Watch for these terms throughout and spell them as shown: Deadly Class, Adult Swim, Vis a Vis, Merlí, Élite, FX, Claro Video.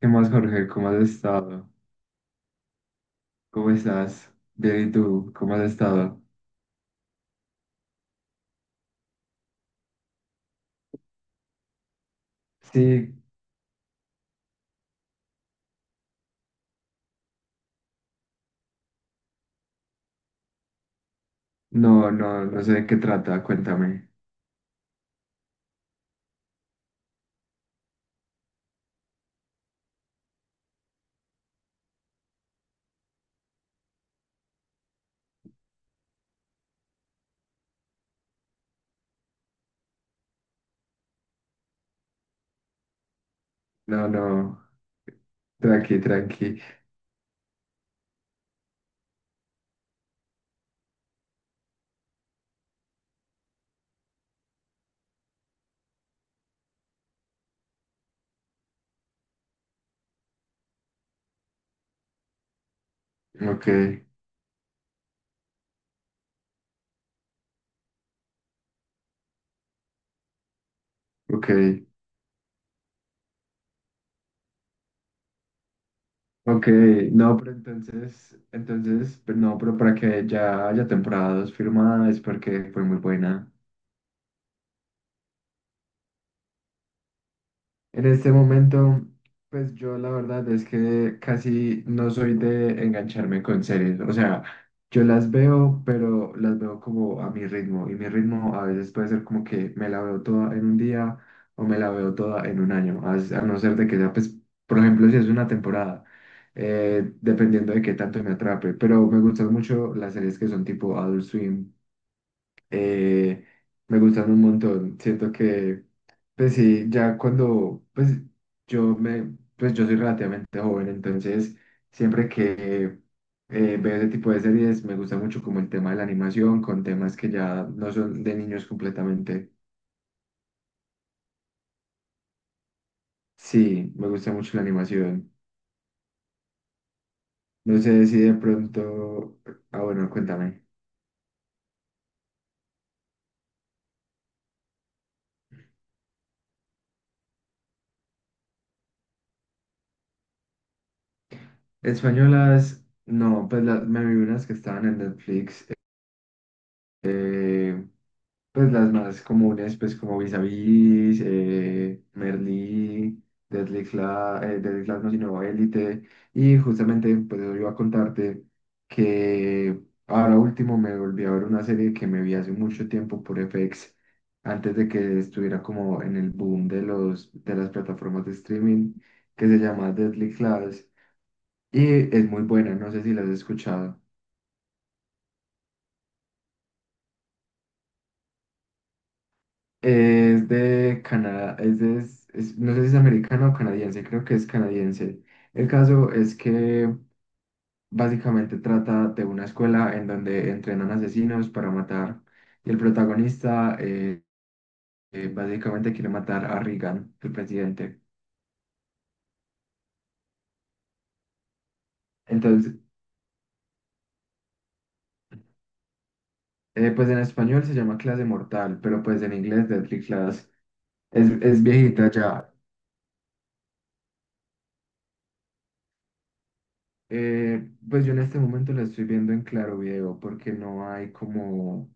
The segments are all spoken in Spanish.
¿Qué más, Jorge? ¿Cómo has estado? ¿Cómo estás? Bien, ¿y tú? ¿Cómo has estado? Sí, no, no, no sé de qué trata, cuéntame. No, no, tranqui, tranqui. Ok, ok, ok. No, pero entonces, pero no, pero para que ya haya temporada dos firmada es porque fue muy buena. En este momento, pues yo la verdad es que casi no soy de engancharme con series. O sea, yo las veo, pero las veo como a mi ritmo. Y mi ritmo a veces puede ser como que me la veo toda en un día o me la veo toda en un año. A no ser de que sea, pues, por ejemplo, si es una temporada, dependiendo de qué tanto me atrape. Pero me gustan mucho las series que son tipo Adult Swim, eh, me gustan un montón. Siento que, pues sí, ya cuando, pues yo me, pues yo soy relativamente joven, entonces siempre que veo ese tipo de series me gusta mucho como el tema de la animación con temas que ya no son de niños completamente. Sí, me gusta mucho la animación. No sé si de pronto, ah bueno, cuéntame. Españolas, no, pues la- me vi unas que estaban en Netflix. eh, Pues las más comunes, pues como Vis a Vis, Merlí, Deadly Class, Deadly Class no, sino Élite. Y justamente, pues yo iba a contarte que ahora último me volví a ver una serie que me vi hace mucho tiempo por FX, antes de que estuviera como en el boom de las plataformas de streaming, que se llama Deadly Class. Y es muy buena, no sé si la has escuchado. Es de Canadá, es de, es- no sé si es americano o canadiense, creo que es canadiense. El caso es que básicamente trata de una escuela en donde entrenan asesinos para matar y el protagonista básicamente quiere matar a Reagan, el presidente. Entonces, pues en español se llama Clase Mortal, pero pues en inglés Deadly Class. Es viejita ya. Pues yo en este momento la estoy viendo en Claro Video porque no hay como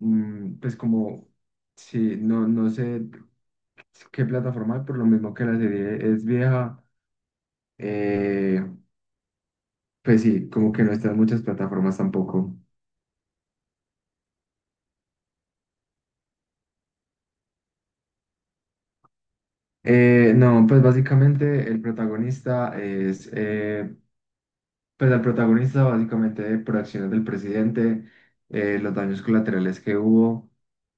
mm, pues como, sí, no, no sé qué plataforma, hay, por lo mismo que la serie es vieja, eh, pues sí, como que no están muchas plataformas tampoco. No, pues básicamente el protagonista es, pues al protagonista básicamente por acciones del presidente, los daños colaterales que hubo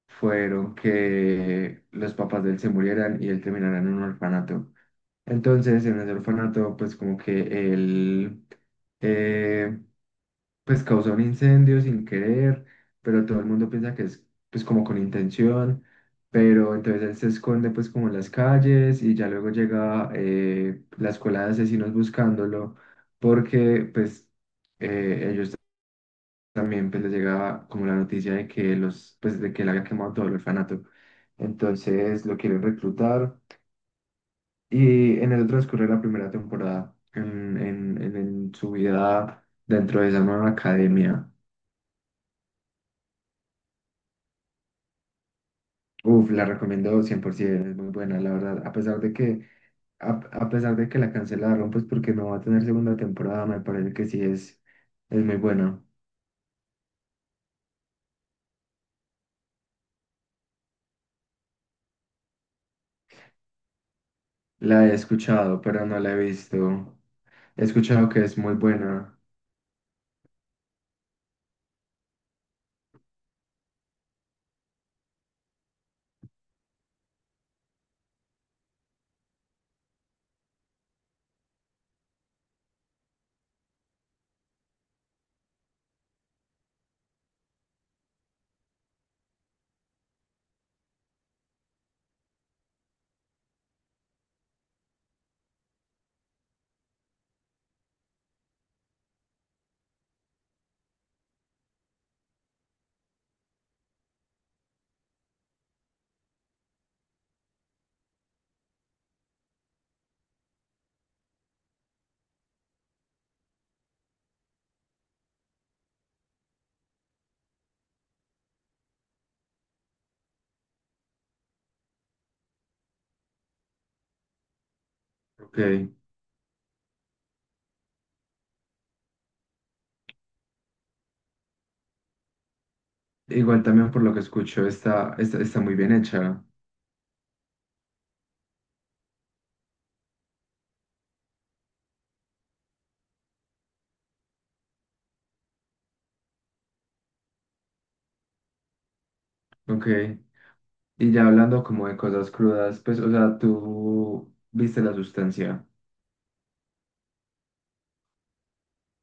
fueron que los papás de él se murieran y él terminara en un orfanato. Entonces, en ese orfanato, pues como que él, eh, pues causó un incendio sin querer, pero todo el mundo piensa que es pues como con intención, pero entonces él se esconde pues como en las calles y ya luego llega, la escuela de asesinos buscándolo porque pues ellos también pues les llega como la noticia de que los, pues de que él había quemado todo el orfanato. Entonces lo quieren reclutar. Y en el transcurrir de la primera temporada, en su vida dentro de esa nueva academia, uf, la recomiendo 100%, es muy buena, la verdad. A pesar de que, a pesar de que la cancelaron, pues porque no va a tener segunda temporada, me parece que sí es muy buena. La he escuchado, pero no la he visto. He escuchado que es muy buena. Ok. Igual también por lo que escucho, está, está, está muy bien hecha. Ok. Y ya hablando como de cosas crudas, pues, o sea, tú viste la sustancia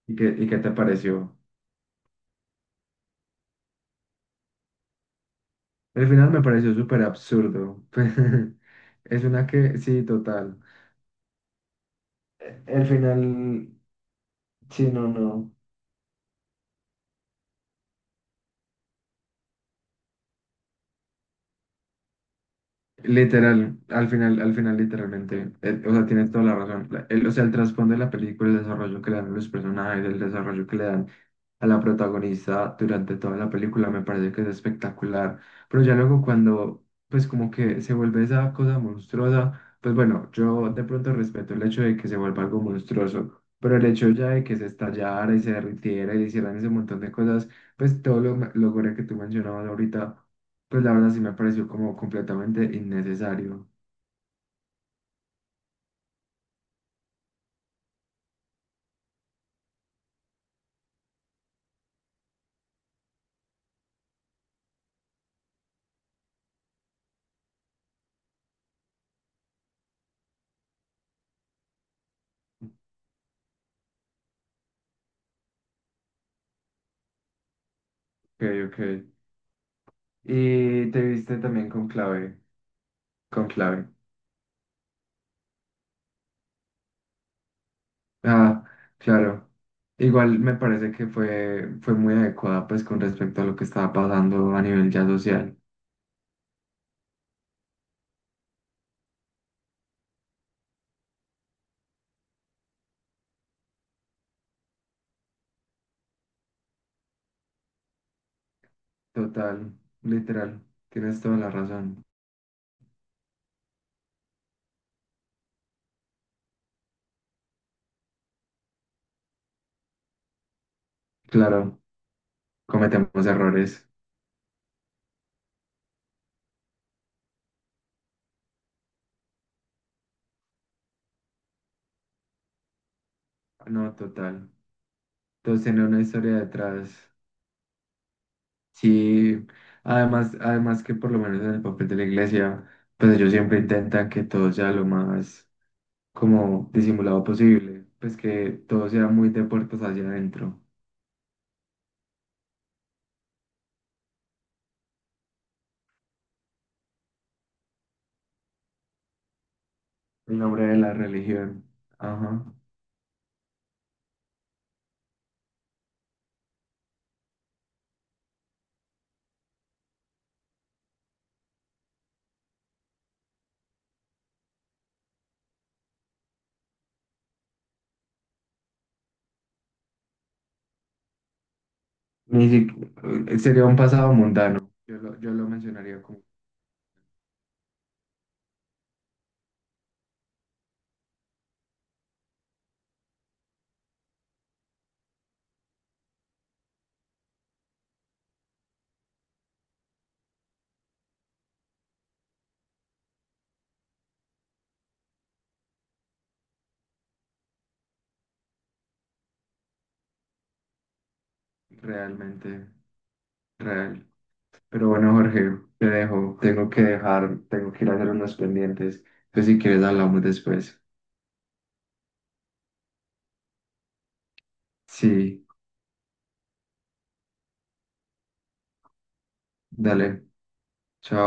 y qué te pareció. El final me pareció súper absurdo. Pues, es una que, sí, total. El final, sí, no, no. Literal, al final, literalmente, o sea, tienes toda la razón. La- el- o sea, el trasfondo de la película, el desarrollo que le dan a los personajes, el desarrollo que le dan a la protagonista durante toda la película, me parece que es espectacular. Pero ya luego cuando, pues como que se vuelve esa cosa monstruosa, pues bueno, yo de pronto respeto el hecho de que se vuelva algo monstruoso, pero el hecho ya de que se estallara y se derritiera y hicieran ese montón de cosas. Pues todo lo gore que tú mencionabas ahorita, pues la verdad sí me pareció como completamente innecesario. Ok, ok. Y te viste también con clave, con clave. Ah, claro. Igual me parece que fue, fue muy adecuada pues con respecto a lo que estaba pasando a nivel ya social. Total, literal. Tienes toda la razón. Claro, cometemos errores. No, total. Entonces tiene una historia detrás. Sí, además, además que por lo menos en el papel de la iglesia, pues ellos siempre intentan que todo sea lo más como disimulado posible, pues que todo sea muy de puertas hacia adentro, en nombre de la religión. Ajá. Ni si- sería un pasado mundano, yo lo mencionaría como realmente real. Pero bueno, Jorge, te dejo, tengo que dejar, tengo que ir a hacer unos pendientes, entonces si quieres hablamos después. Sí, dale, chao.